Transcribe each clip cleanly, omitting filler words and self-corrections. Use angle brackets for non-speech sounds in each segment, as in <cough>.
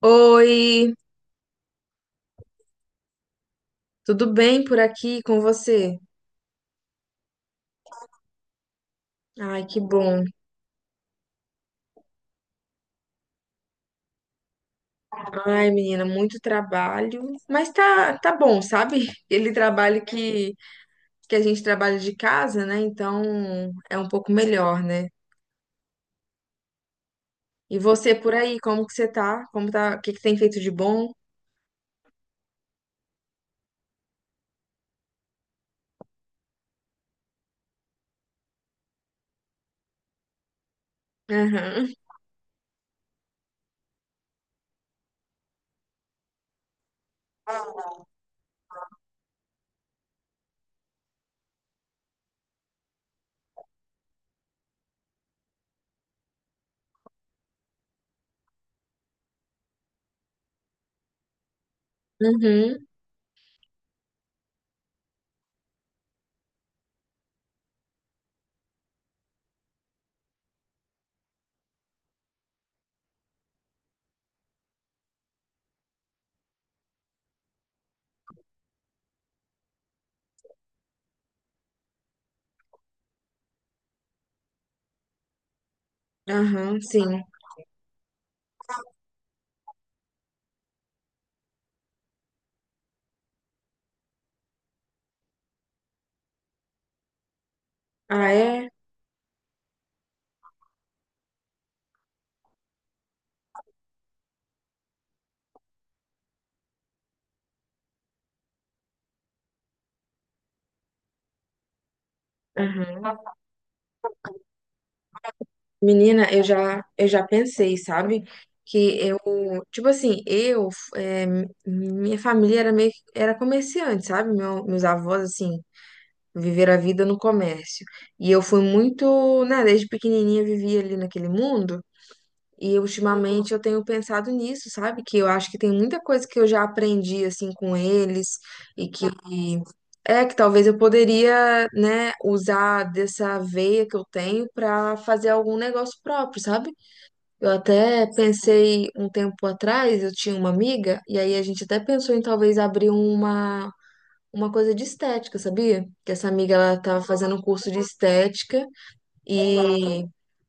Oi, tudo bem por aqui com você? Ai, que bom. Ai, menina, muito trabalho, mas tá bom, sabe? <laughs> Ele trabalho que a gente trabalha de casa, né? Então é um pouco melhor, né? E você por aí, como que você tá? Como tá? O que que tem feito de bom? Aham, uhum, aham, sim. Ah, é? Aham. Menina, eu já pensei, sabe? Que eu, tipo assim, é, minha família era era comerciante, sabe? Meus avós, assim, viveram a vida no comércio. E eu fui muito, né, desde pequenininha vivia ali naquele mundo. E ultimamente eu tenho pensado nisso, sabe? Que eu acho que tem muita coisa que eu já aprendi, assim, com eles. E que, que talvez eu poderia, né, usar dessa veia que eu tenho pra fazer algum negócio próprio, sabe? Eu até pensei um tempo atrás, eu tinha uma amiga, e aí a gente até pensou em talvez abrir uma coisa de estética, sabia? Que essa amiga ela tava fazendo um curso de estética e,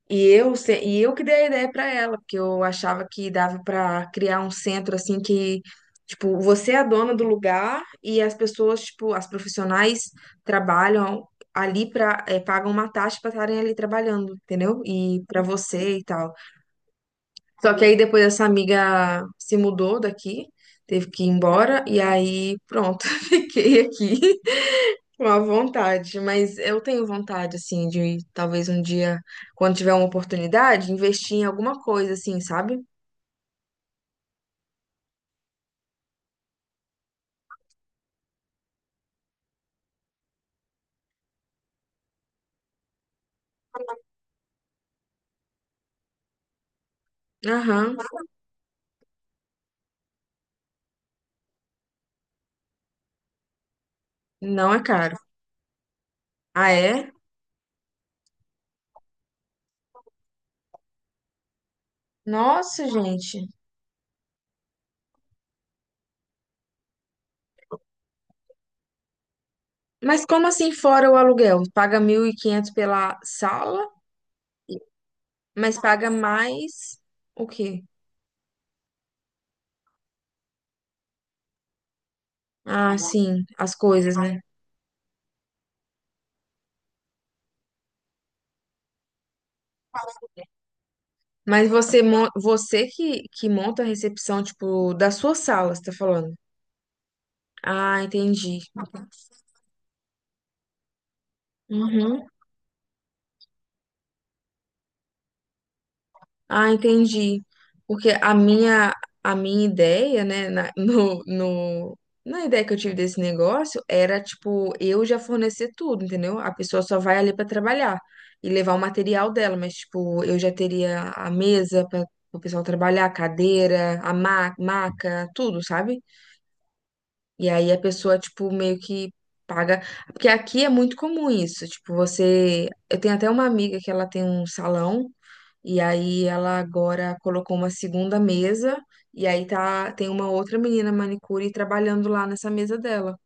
e eu que dei a ideia para ela, porque eu achava que dava para criar um centro assim que tipo, você é a dona do lugar e as pessoas, tipo, as profissionais trabalham ali para pagam uma taxa para estarem ali trabalhando, entendeu? E para você e tal. Só que aí depois essa amiga se mudou daqui, teve que ir embora, e aí pronto, <laughs> fiquei aqui <laughs> com a vontade. Mas eu tenho vontade, assim, de talvez um dia, quando tiver uma oportunidade, investir em alguma coisa, assim, sabe? Aham, não é caro. Ah, é? Nossa, gente. Mas como assim fora o aluguel? Paga 1.500 pela sala, mas paga mais o quê? Ah, sim, as coisas, né? Mas você que monta a recepção, tipo, da sua sala, você tá falando? Ah, entendi. Uhum. Ah, entendi. Porque a minha ideia, né, <laughs> no, no, na ideia que eu tive desse negócio, era, tipo, eu já fornecer tudo, entendeu? A pessoa só vai ali pra trabalhar e levar o material dela, mas, tipo, eu já teria a mesa para o pessoal trabalhar, a cadeira, a ma maca, tudo, sabe? E aí a pessoa, tipo, meio que paga. Porque aqui é muito comum isso. Tipo, você. Eu tenho até uma amiga que ela tem um salão, e aí ela agora colocou uma segunda mesa, e aí tá tem uma outra menina manicure trabalhando lá nessa mesa dela.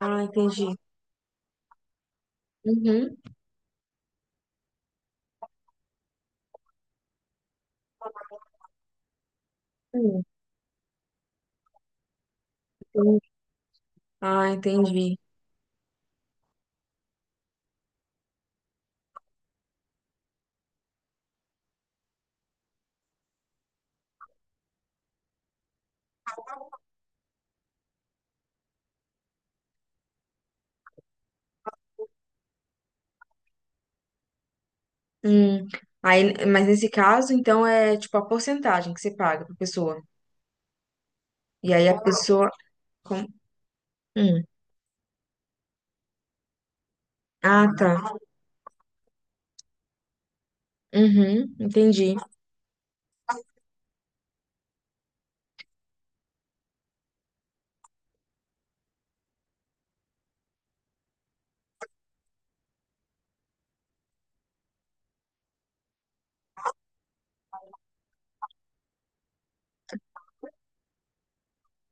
Ah, entendi. Uhum. Hum, entendi. Ah, entendi. Hum. Aí, mas nesse caso, então, é tipo a porcentagem que você paga pra pessoa. E aí a pessoa. com- Hum. Ah, tá. Uhum, entendi.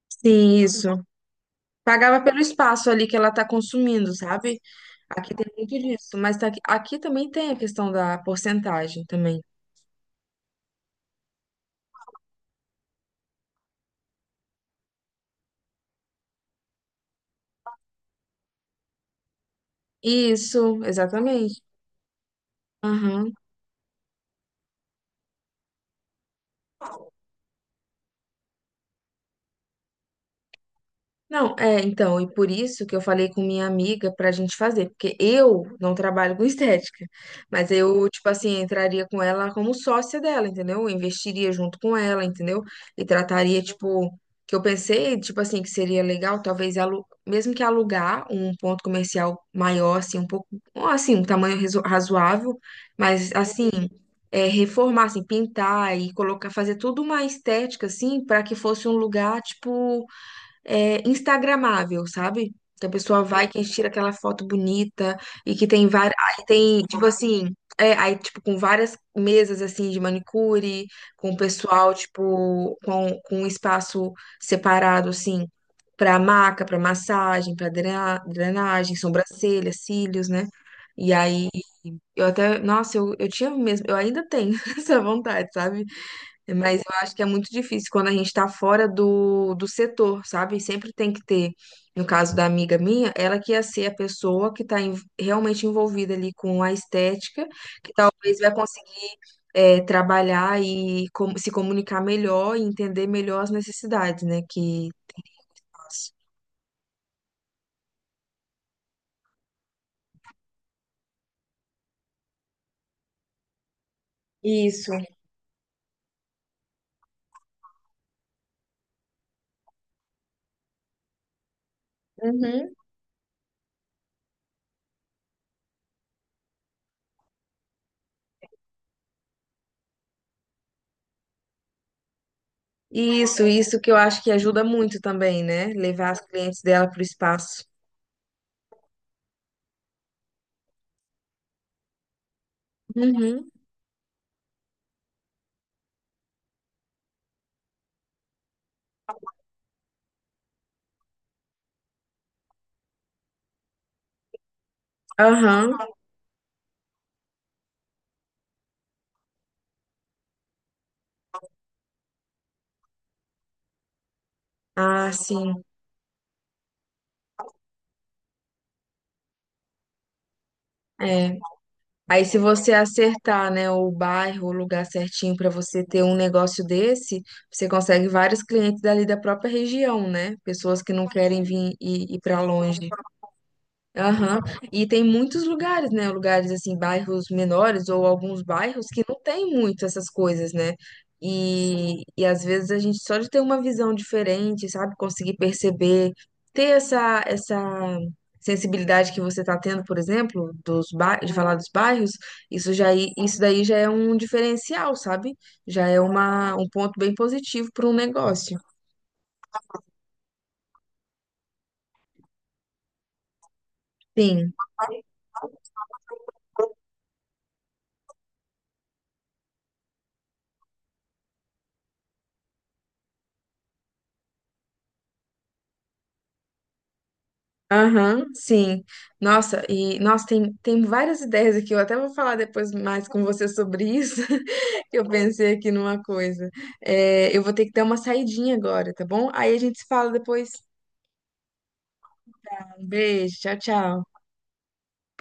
Sim, isso. Pagava pelo espaço ali que ela tá consumindo, sabe? Aqui tem muito disso, mas tá aqui, aqui também tem a questão da porcentagem também. Isso, exatamente. Aham. Não, é, então, e por isso que eu falei com minha amiga pra gente fazer, porque eu não trabalho com estética, mas eu, tipo assim, entraria com ela como sócia dela, entendeu? Eu investiria junto com ela, entendeu? E trataria, tipo, que eu pensei, tipo assim, que seria legal, talvez, alu mesmo que alugar um ponto comercial maior, assim, um pouco, ou, assim, um tamanho razoável, mas, assim, é, reformar, assim, pintar e colocar, fazer tudo uma estética, assim, pra que fosse um lugar, tipo instagramável, sabe? Que a pessoa vai, que tira aquela foto bonita e que tem várias, aí tem, tipo assim, é, aí tipo com várias mesas assim de manicure, com o pessoal tipo com um espaço separado assim para maca, para massagem, para drenagem, sobrancelha, cílios, né? E aí eu até, nossa, eu tinha mesmo, eu ainda tenho <laughs> essa vontade, sabe? Mas eu acho que é muito difícil quando a gente está fora do setor, sabe? Sempre tem que ter, no caso da amiga minha, ela que ia ser a pessoa que está realmente envolvida ali com a estética, que talvez vai conseguir é, trabalhar e se comunicar melhor e entender melhor as necessidades, né? Que Isso. Uhum. Isso que eu acho que ajuda muito também, né? Levar as clientes dela para o espaço. Uhum. Aham. Ah, sim. É. Aí, se você acertar, né, o bairro, o lugar certinho para você ter um negócio desse, você consegue vários clientes dali da própria região, né? Pessoas que não querem vir e ir para longe. Aham. E tem muitos lugares, né? Lugares assim, bairros menores ou alguns bairros que não tem muito essas coisas, né? E às vezes a gente só de ter uma visão diferente, sabe? Conseguir perceber, ter essa sensibilidade que você está tendo, por exemplo, de falar dos bairros, isso daí já é um diferencial, sabe? Já é uma, um ponto bem positivo para um negócio. Sim. Aham, sim. Nossa, e nossa, tem várias ideias aqui. Eu até vou falar depois mais com você sobre isso, <laughs> que eu pensei aqui numa coisa. É, eu vou ter que dar uma saidinha agora, tá bom? Aí a gente se fala depois. Um beijo, tchau, tchau.